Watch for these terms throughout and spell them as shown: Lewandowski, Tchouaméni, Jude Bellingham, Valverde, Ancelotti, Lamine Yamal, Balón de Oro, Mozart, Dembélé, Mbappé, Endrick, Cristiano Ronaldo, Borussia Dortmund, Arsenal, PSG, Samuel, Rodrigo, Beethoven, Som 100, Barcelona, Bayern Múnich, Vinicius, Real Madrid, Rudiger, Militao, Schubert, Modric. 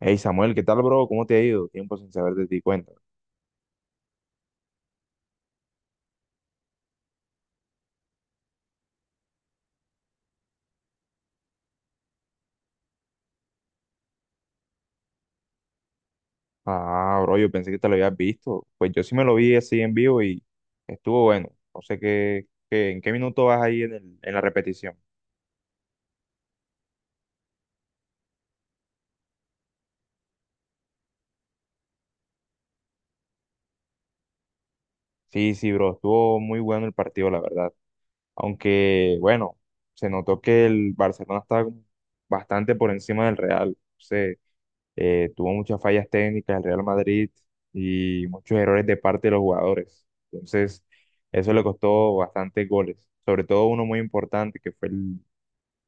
Hey Samuel, ¿qué tal, bro? ¿Cómo te ha ido? Tiempo sin saber de ti, cuenta. Ah, bro, yo pensé que te lo habías visto. Pues yo sí me lo vi así en vivo y estuvo bueno. No sé en qué minuto vas ahí en en la repetición. Sí, sí, bro, estuvo muy bueno el partido, la verdad. Aunque, bueno, se notó que el Barcelona estaba como bastante por encima del Real. Tuvo muchas fallas técnicas el Real Madrid y muchos errores de parte de los jugadores. Entonces, eso le costó bastantes goles, sobre todo uno muy importante que fue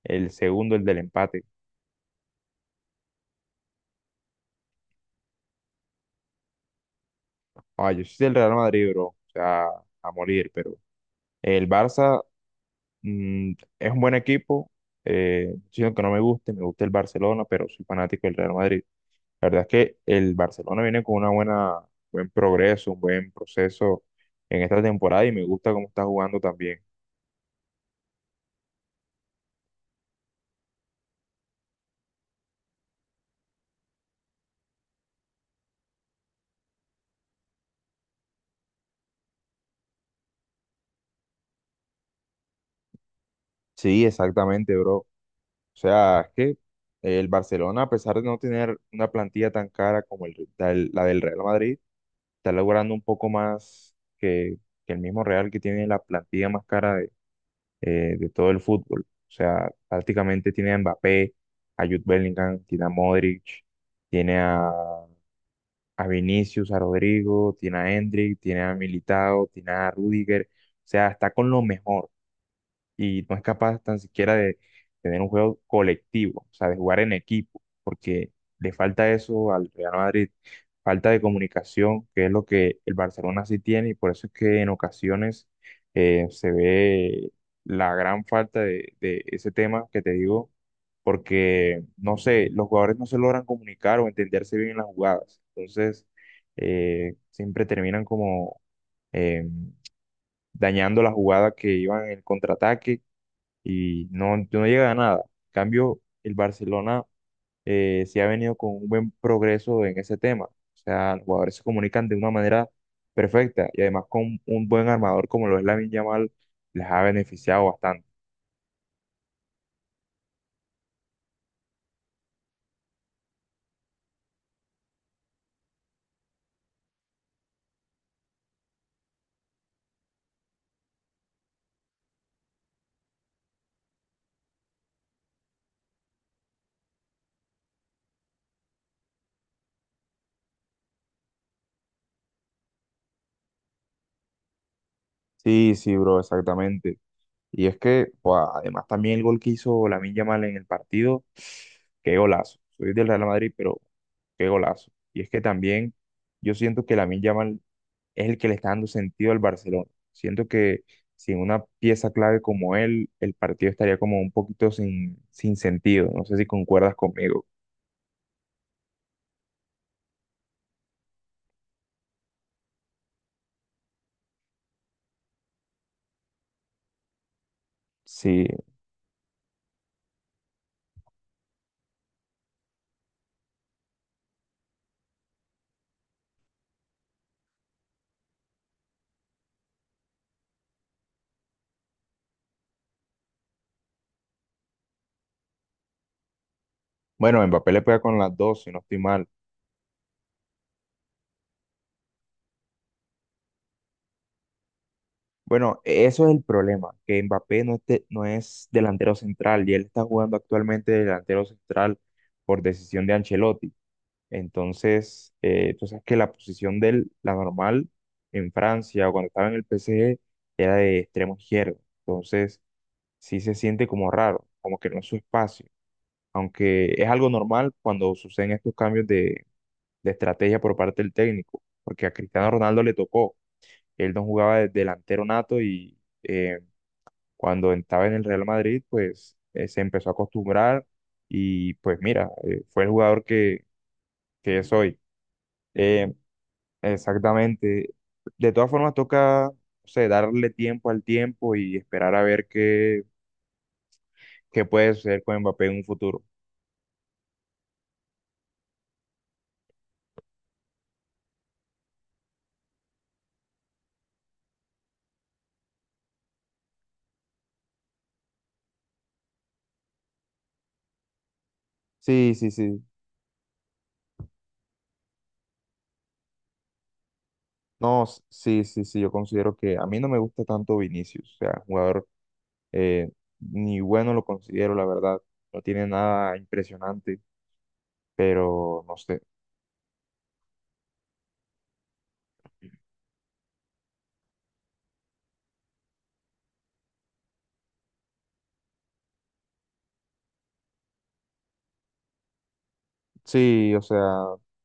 el segundo, el del empate. Ah, yo soy del Real Madrid, bro, o sea, a morir, pero el Barça mm, es un buen equipo, sino que no me guste, me gusta el Barcelona, pero soy fanático del Real Madrid. La verdad es que el Barcelona viene con una buen progreso, un buen proceso en esta temporada y me gusta cómo está jugando también. Sí, exactamente, bro. O sea, es que el Barcelona, a pesar de no tener una plantilla tan cara como la del Real Madrid, está logrando un poco más que el mismo Real que tiene la plantilla más cara de todo el fútbol. O sea, prácticamente tiene a Mbappé, a Jude Bellingham, tiene a Modric, tiene a Vinicius, a Rodrigo, tiene a Endrick, tiene a Militao, tiene a Rudiger, o sea, está con lo mejor y no es capaz tan siquiera de tener un juego colectivo, o sea, de jugar en equipo, porque le falta eso al Real Madrid, falta de comunicación, que es lo que el Barcelona sí tiene, y por eso es que en ocasiones se ve la gran falta de ese tema que te digo, porque, no sé, los jugadores no se logran comunicar o entenderse bien en las jugadas, entonces siempre terminan como eh, dañando la jugada que iban en el contraataque y no llega a nada. En cambio, el Barcelona sí ha venido con un buen progreso en ese tema. O sea, los jugadores se comunican de una manera perfecta y además con un buen armador como lo es Lamine Yamal, les ha beneficiado bastante. Sí, sí, bro, exactamente. Y es que, buah, además también el gol que hizo Lamine Yamal en el partido, qué golazo. Soy del Real Madrid, pero qué golazo. Y es que también yo siento que Lamine Yamal es el que le está dando sentido al Barcelona. Siento que sin una pieza clave como él, el partido estaría como un poquito sin sentido. No sé si concuerdas conmigo. Sí, bueno, Mbappé le pega con las dos, si no estoy mal. Bueno, eso es el problema, que Mbappé no, no es delantero central y él está jugando actualmente de delantero central por decisión de Ancelotti. Entonces, tú sabes que la posición de él, la normal en Francia o cuando estaba en el PSG, era de extremo izquierdo. Entonces, sí se siente como raro, como que no es su espacio, aunque es algo normal cuando suceden estos cambios de estrategia por parte del técnico, porque a Cristiano Ronaldo le tocó, él no jugaba de delantero nato y cuando estaba en el Real Madrid, pues se empezó a acostumbrar y pues mira, fue el jugador que es hoy. Eh, Exactamente. De todas formas, toca, o sea, darle tiempo al tiempo y esperar a ver qué puede suceder con Mbappé en un futuro. Sí, sí, sí. No, sí, sí, sí, yo considero que a mí no me gusta tanto Vinicius, o sea, jugador eh, ni bueno lo considero, la verdad, no tiene nada impresionante, pero no sé, sí, o sea,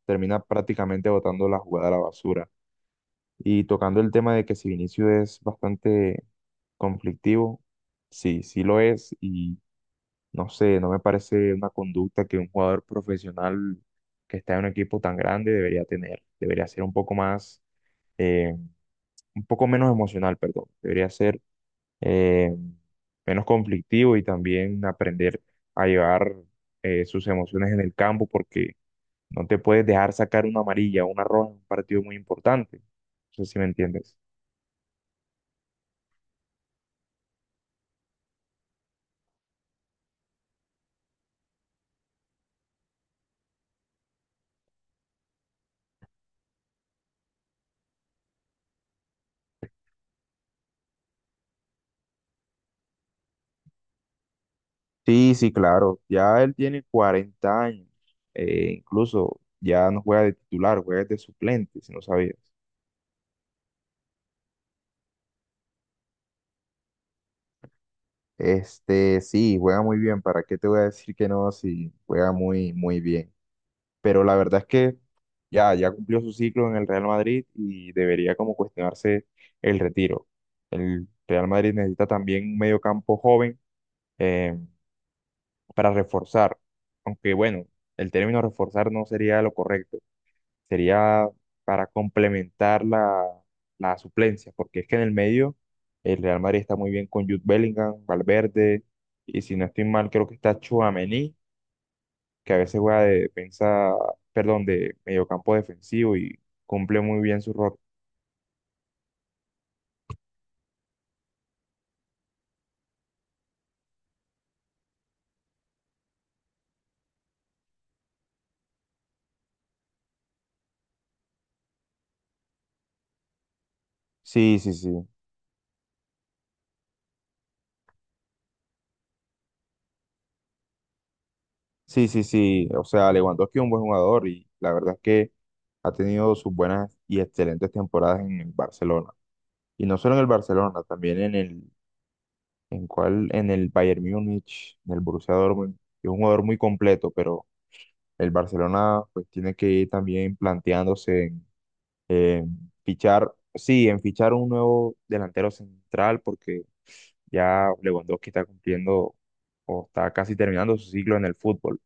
termina prácticamente botando la jugada a la basura. Y tocando el tema de que si Vinicius es bastante conflictivo, sí, sí lo es, y no sé, no me parece una conducta que un jugador profesional que está en un equipo tan grande debería tener, debería ser un poco más eh, un poco menos emocional, perdón. Debería ser eh, menos conflictivo y también aprender a llevar sus emociones en el campo porque no te puedes dejar sacar una amarilla o una roja en un partido muy importante. No sé si me entiendes. Sí, sí, claro. Ya él tiene 40 años. Incluso ya no juega de titular, juega de suplente, si no sabías. Este, sí, juega muy bien. ¿Para qué te voy a decir que no? Si juega muy, muy bien. Pero la verdad es que ya cumplió su ciclo en el Real Madrid y debería como cuestionarse el retiro. El Real Madrid necesita también un mediocampo joven eh, para reforzar, aunque bueno, el término reforzar no sería lo correcto, sería para complementar la suplencia, porque es que en el medio el Real Madrid está muy bien con Jude Bellingham, Valverde, y si no estoy mal, creo que está Tchouaméni que a veces juega de defensa, perdón, de mediocampo defensivo y cumple muy bien su rol. Sí, sí, sí. Sí, sí, sí. O sea, Lewandowski es un buen jugador y la verdad es que ha tenido sus buenas y excelentes temporadas en el Barcelona. Y no solo en el Barcelona, también en en el Bayern Múnich, en el Borussia Dortmund. Es un jugador muy completo, pero el Barcelona pues tiene que ir también planteándose en fichar, sí, en fichar un nuevo delantero central porque ya Lewandowski está cumpliendo o está casi terminando su ciclo en el fútbol.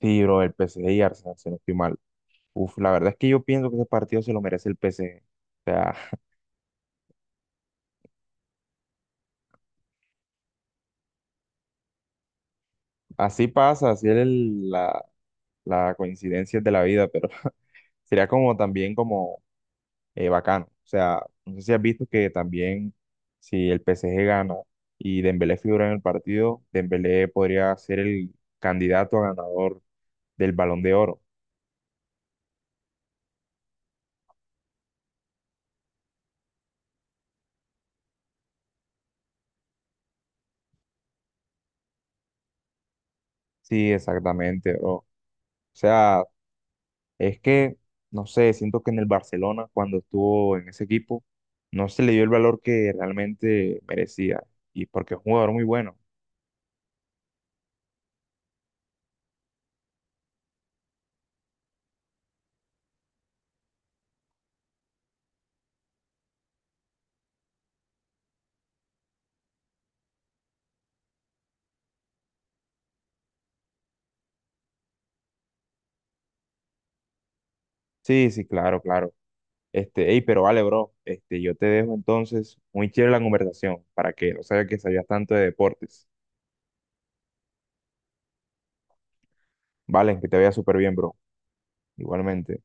Sí, bro, el PSG y Arsenal, si no estoy mal. Uf, la verdad es que yo pienso que ese partido se lo merece el PSG. O sea, así pasa, así es la coincidencia de la vida, pero sería como también como bacano. O sea, no sé si has visto que también si el PSG gana y Dembélé figura en el partido, Dembélé podría ser el candidato a ganador del Balón de Oro. Sí, exactamente, bro. O sea, es que, no sé, siento que en el Barcelona, cuando estuvo en ese equipo, no se le dio el valor que realmente merecía. Y porque es un jugador muy bueno. Sí, sí, claro, claro. Este, ey, pero vale, bro. Este, yo te dejo entonces muy chévere la conversación para que no sabes que sabías tanto de deportes. Vale, que te vaya súper bien, bro. Igualmente.